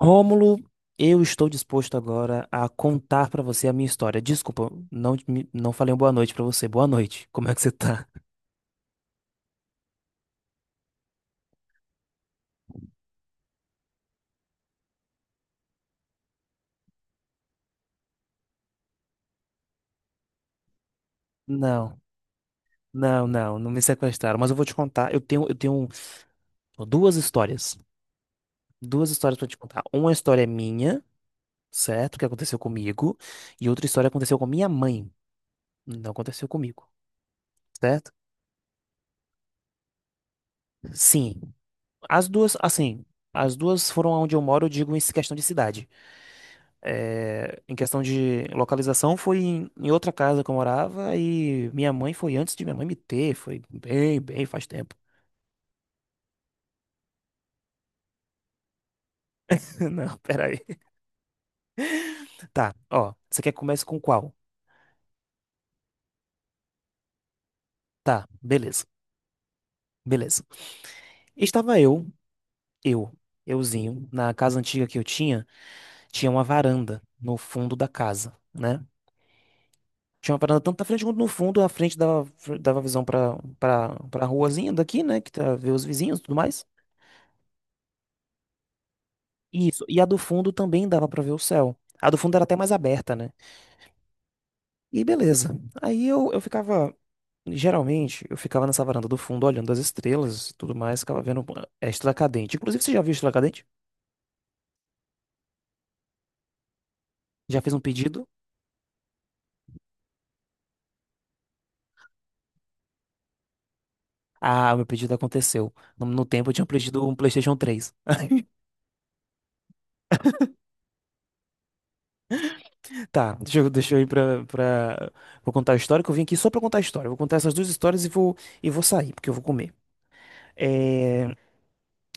Rômulo, eu estou disposto agora a contar pra você a minha história. Desculpa, não, não falei uma boa noite pra você. Boa noite. Como é que você tá? Não, não, não, não me sequestraram, mas eu vou te contar. Eu tenho duas histórias. Duas histórias pra te contar. Uma história é minha, certo? Que aconteceu comigo, e outra história aconteceu com minha mãe. Não aconteceu comigo, certo? Sim. As duas, assim, as duas foram aonde eu moro, eu digo em questão de cidade. É, em questão de localização, foi em outra casa que eu morava e minha mãe foi antes de minha mãe me ter. Foi bem, bem faz tempo. Não, peraí. Tá, ó. Você quer que comece com qual? Tá, beleza, beleza. Estava eu, eu, euzinho, na casa antiga que eu tinha, tinha uma varanda no fundo da casa, né? Tinha uma varanda tanto na frente quanto no fundo, a frente dava visão pra, pra ruazinha daqui, né? Que tá, vê os vizinhos e tudo mais. Isso. E a do fundo também dava pra ver o céu. A do fundo era até mais aberta, né? E beleza. Aí eu ficava. Geralmente, eu ficava nessa varanda do fundo olhando as estrelas e tudo mais, ficava vendo a estrela cadente. Inclusive, você já viu a estrela cadente? Já fez um pedido? Ah, o meu pedido aconteceu. No tempo eu tinha pedido um PlayStation 3. Tá. Deixa eu ir pra, pra. Vou contar a história, que eu vim aqui só pra contar a história. Vou contar essas duas histórias e e vou sair, porque eu vou comer. É.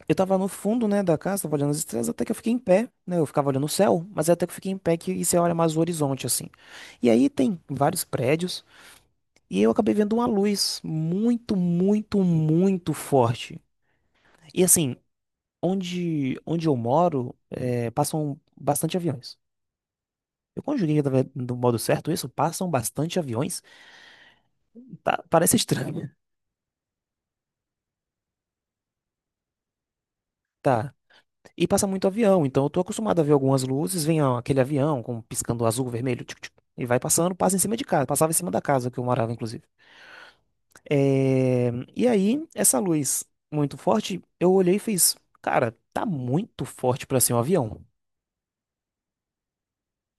Eu tava no fundo, né, da casa, tava olhando as estrelas, até que eu fiquei em pé, né? Eu ficava olhando o céu, mas até que eu fiquei em pé que e você olha mais o horizonte, assim. E aí tem vários prédios, e eu acabei vendo uma luz muito, muito, muito forte. E assim, onde eu moro, é, passam bastante aviões. Eu conjuguei do modo certo isso? Passam bastante aviões? Tá, parece estranho. Tá. E passa muito avião, então eu tô acostumado a ver algumas luzes, vem ó, aquele avião com piscando azul, vermelho, tchuc, tchuc, e vai passando, passa em cima de casa, passava em cima da casa que eu morava, inclusive. É. E aí, essa luz muito forte, eu olhei e fiz, cara, tá muito forte pra ser um avião.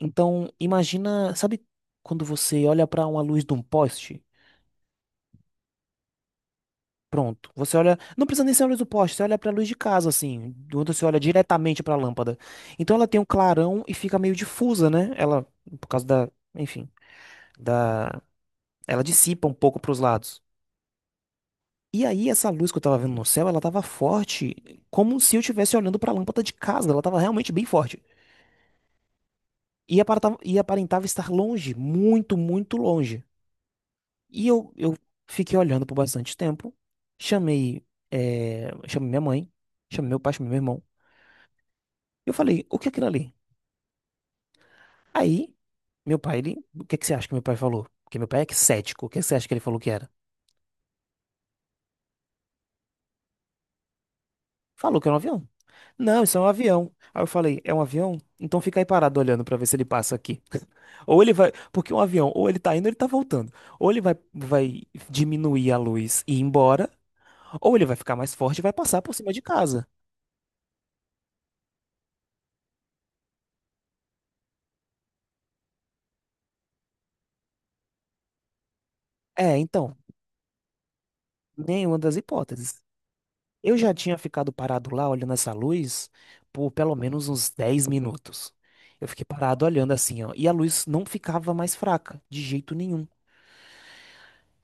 Então, imagina, sabe quando você olha pra uma luz de um poste? Pronto, você olha, não precisa nem ser a luz do poste, você olha pra luz de casa, assim, quando você olha diretamente pra lâmpada. Então ela tem um clarão e fica meio difusa, né? Ela, por causa da, enfim. Da, ela dissipa um pouco para os lados. E aí essa luz que eu tava vendo no céu, ela tava forte, como se eu estivesse olhando para a lâmpada de casa, ela tava realmente bem forte. E aparentava estar longe, muito, muito longe. E eu fiquei olhando por bastante tempo, chamei minha mãe, chamei meu pai, chamei meu irmão. Eu falei, o que é aquilo ali? Aí, meu pai, o que é que você acha que meu pai falou? Porque meu pai é cético, o que é que você acha que ele falou que era? Falou que era um avião. Não, isso é um avião. Aí eu falei, é um avião? Então fica aí parado olhando pra ver se ele passa aqui. Ou ele vai, porque um avião, ou ele tá indo, ou ele tá voltando. Ou ele vai diminuir a luz e ir embora, ou ele vai ficar mais forte e vai passar por cima de casa. É, então, nenhuma das hipóteses. Eu já tinha ficado parado lá olhando essa luz por pelo menos uns 10 minutos. Eu fiquei parado olhando assim, ó, e a luz não ficava mais fraca, de jeito nenhum.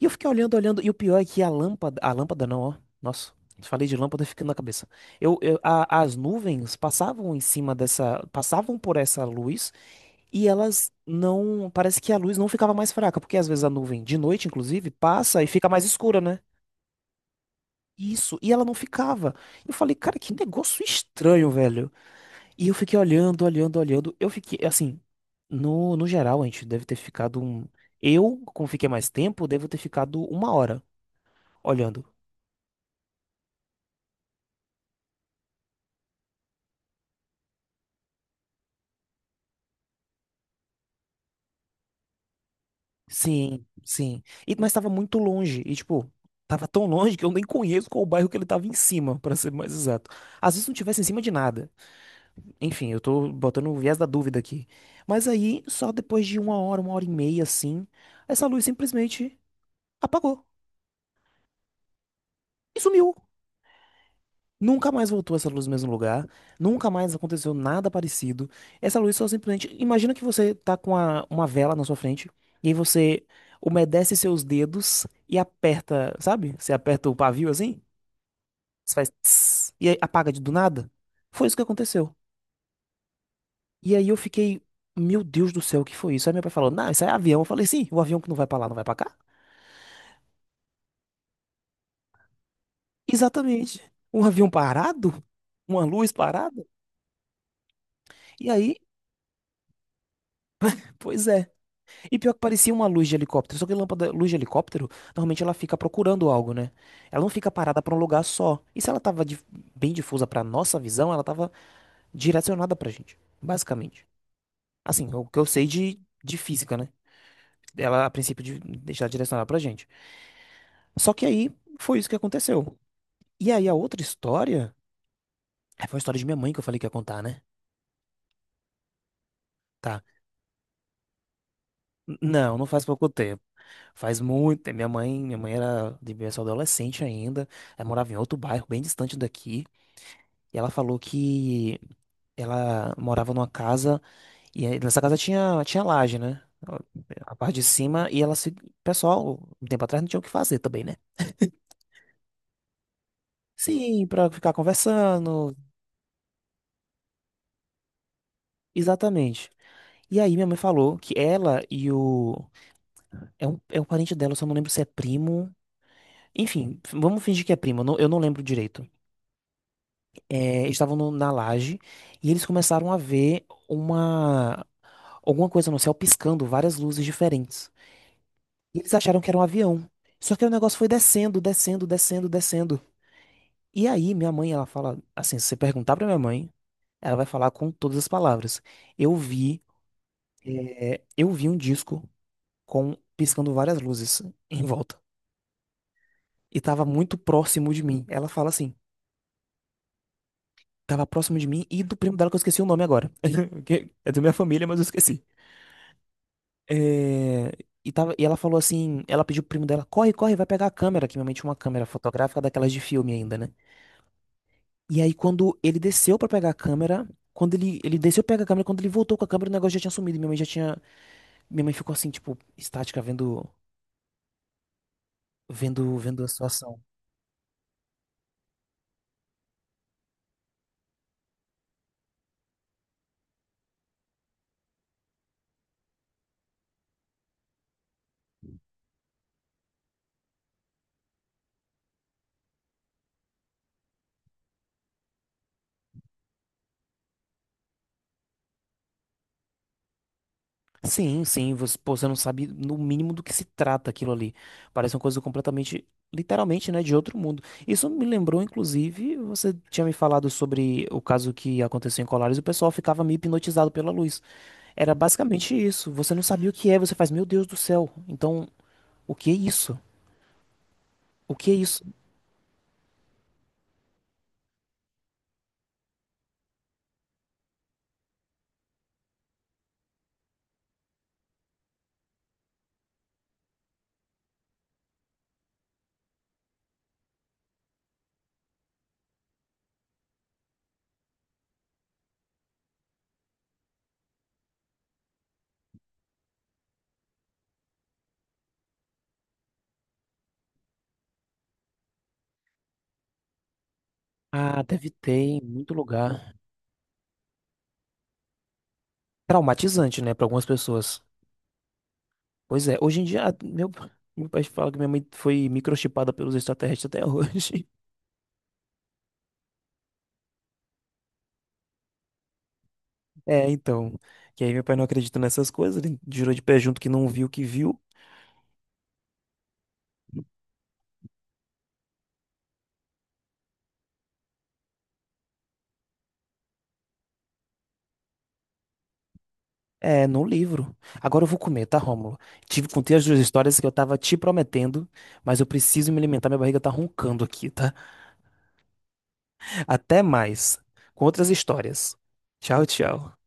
E eu fiquei olhando, olhando, e o pior é que a lâmpada não, ó. Nossa, falei de lâmpada ficando na cabeça. As nuvens passavam em cima dessa, passavam por essa luz e elas não, parece que a luz não ficava mais fraca, porque às vezes a nuvem de noite, inclusive, passa e fica mais escura, né? Isso, e ela não ficava. Eu falei, cara, que negócio estranho, velho. E eu fiquei olhando, olhando, olhando. Eu fiquei, assim, no geral, a gente deve ter ficado um. Eu, como fiquei mais tempo, devo ter ficado uma hora olhando. Sim, sim. E, mas tava muito longe. E, tipo, tava tão longe que eu nem conheço qual o bairro que ele tava em cima, pra ser mais exato. Às vezes não tivesse em cima de nada. Enfim, eu tô botando o viés da dúvida aqui. Mas aí, só depois de uma hora e meia, assim, essa luz simplesmente apagou e sumiu. Nunca mais voltou essa luz no mesmo lugar, nunca mais aconteceu nada parecido. Essa luz só simplesmente. Imagina que você tá com uma vela na sua frente, e aí você umedece seus dedos e aperta, sabe? Você aperta o pavio assim, você faz tss, e aí apaga de do nada. Foi isso que aconteceu. E aí eu fiquei, meu Deus do céu, o que foi isso? Aí meu pai falou, não, isso é avião. Eu falei, sim, o avião que não vai pra lá, não vai pra cá? Exatamente. Um avião parado? Uma luz parada? E aí, pois é. E pior que parecia uma luz de helicóptero, só que lâmpada, luz de helicóptero, normalmente ela fica procurando algo, né? Ela não fica parada pra um lugar só. E se ela tava bem difusa pra nossa visão, ela tava direcionada pra gente, basicamente. Assim, o que eu sei de física, né? Ela, a princípio, de deixar direcionada pra gente. Só que aí foi isso que aconteceu. E aí a outra história, é, foi a história de minha mãe que eu falei que ia contar, né? Tá. Não, não faz pouco tempo. Faz muito tempo. Minha mãe era devia ser adolescente ainda. Ela morava em outro bairro, bem distante daqui. E ela falou que ela morava numa casa e aí nessa casa tinha laje, né? A parte de cima e ela se, o pessoal, um tempo atrás não tinha o que fazer também, né? Sim, pra ficar conversando. Exatamente. E aí minha mãe falou que ela e o é um parente dela, eu só não lembro se é primo. Enfim, vamos fingir que é primo, eu não lembro direito. É, estavam na laje e eles começaram a ver uma alguma coisa no céu piscando, várias luzes diferentes. E eles acharam que era um avião. Só que aí o negócio foi descendo, descendo, descendo, descendo. E aí minha mãe, ela fala assim, se você perguntar pra minha mãe, ela vai falar com todas as palavras. Eu vi, eu vi um disco com piscando várias luzes em volta. E tava muito próximo de mim. Ela fala assim, tava próximo de mim e do primo dela que eu esqueci o nome agora. Que é da minha família, mas eu esqueci. É, e ela falou assim, ela pediu pro primo dela, corre, corre, vai pegar a câmera, que minha mãe tinha uma câmera fotográfica daquelas de filme ainda, né? E aí quando ele desceu pra pegar a câmera, quando ele desceu pra pegar a câmera, quando ele voltou com a câmera, o negócio já tinha sumido, minha mãe ficou assim, tipo, estática, vendo, vendo, vendo a situação. Sim, sim, você, pô, você não sabe no mínimo do que se trata aquilo ali. Parece uma coisa completamente, literalmente, né, de outro mundo. Isso me lembrou, inclusive, você tinha me falado sobre o caso que aconteceu em Colares, o pessoal ficava meio hipnotizado pela luz. Era basicamente isso. Você não sabia o que é, você faz, meu Deus do céu. Então, o que é isso? O que é isso? Ah, deve ter em muito lugar. Traumatizante, né, para algumas pessoas. Pois é, hoje em dia, ah, meu pai fala que minha mãe foi microchipada pelos extraterrestres até hoje. É, então. Que aí meu pai não acredita nessas coisas, ele jurou de pé junto que não viu o que viu. É, no livro. Agora eu vou comer, tá, Rômulo? Contei as duas histórias que eu tava te prometendo, mas eu preciso me alimentar, minha barriga tá roncando aqui, tá? Até mais. Com outras histórias. Tchau, tchau.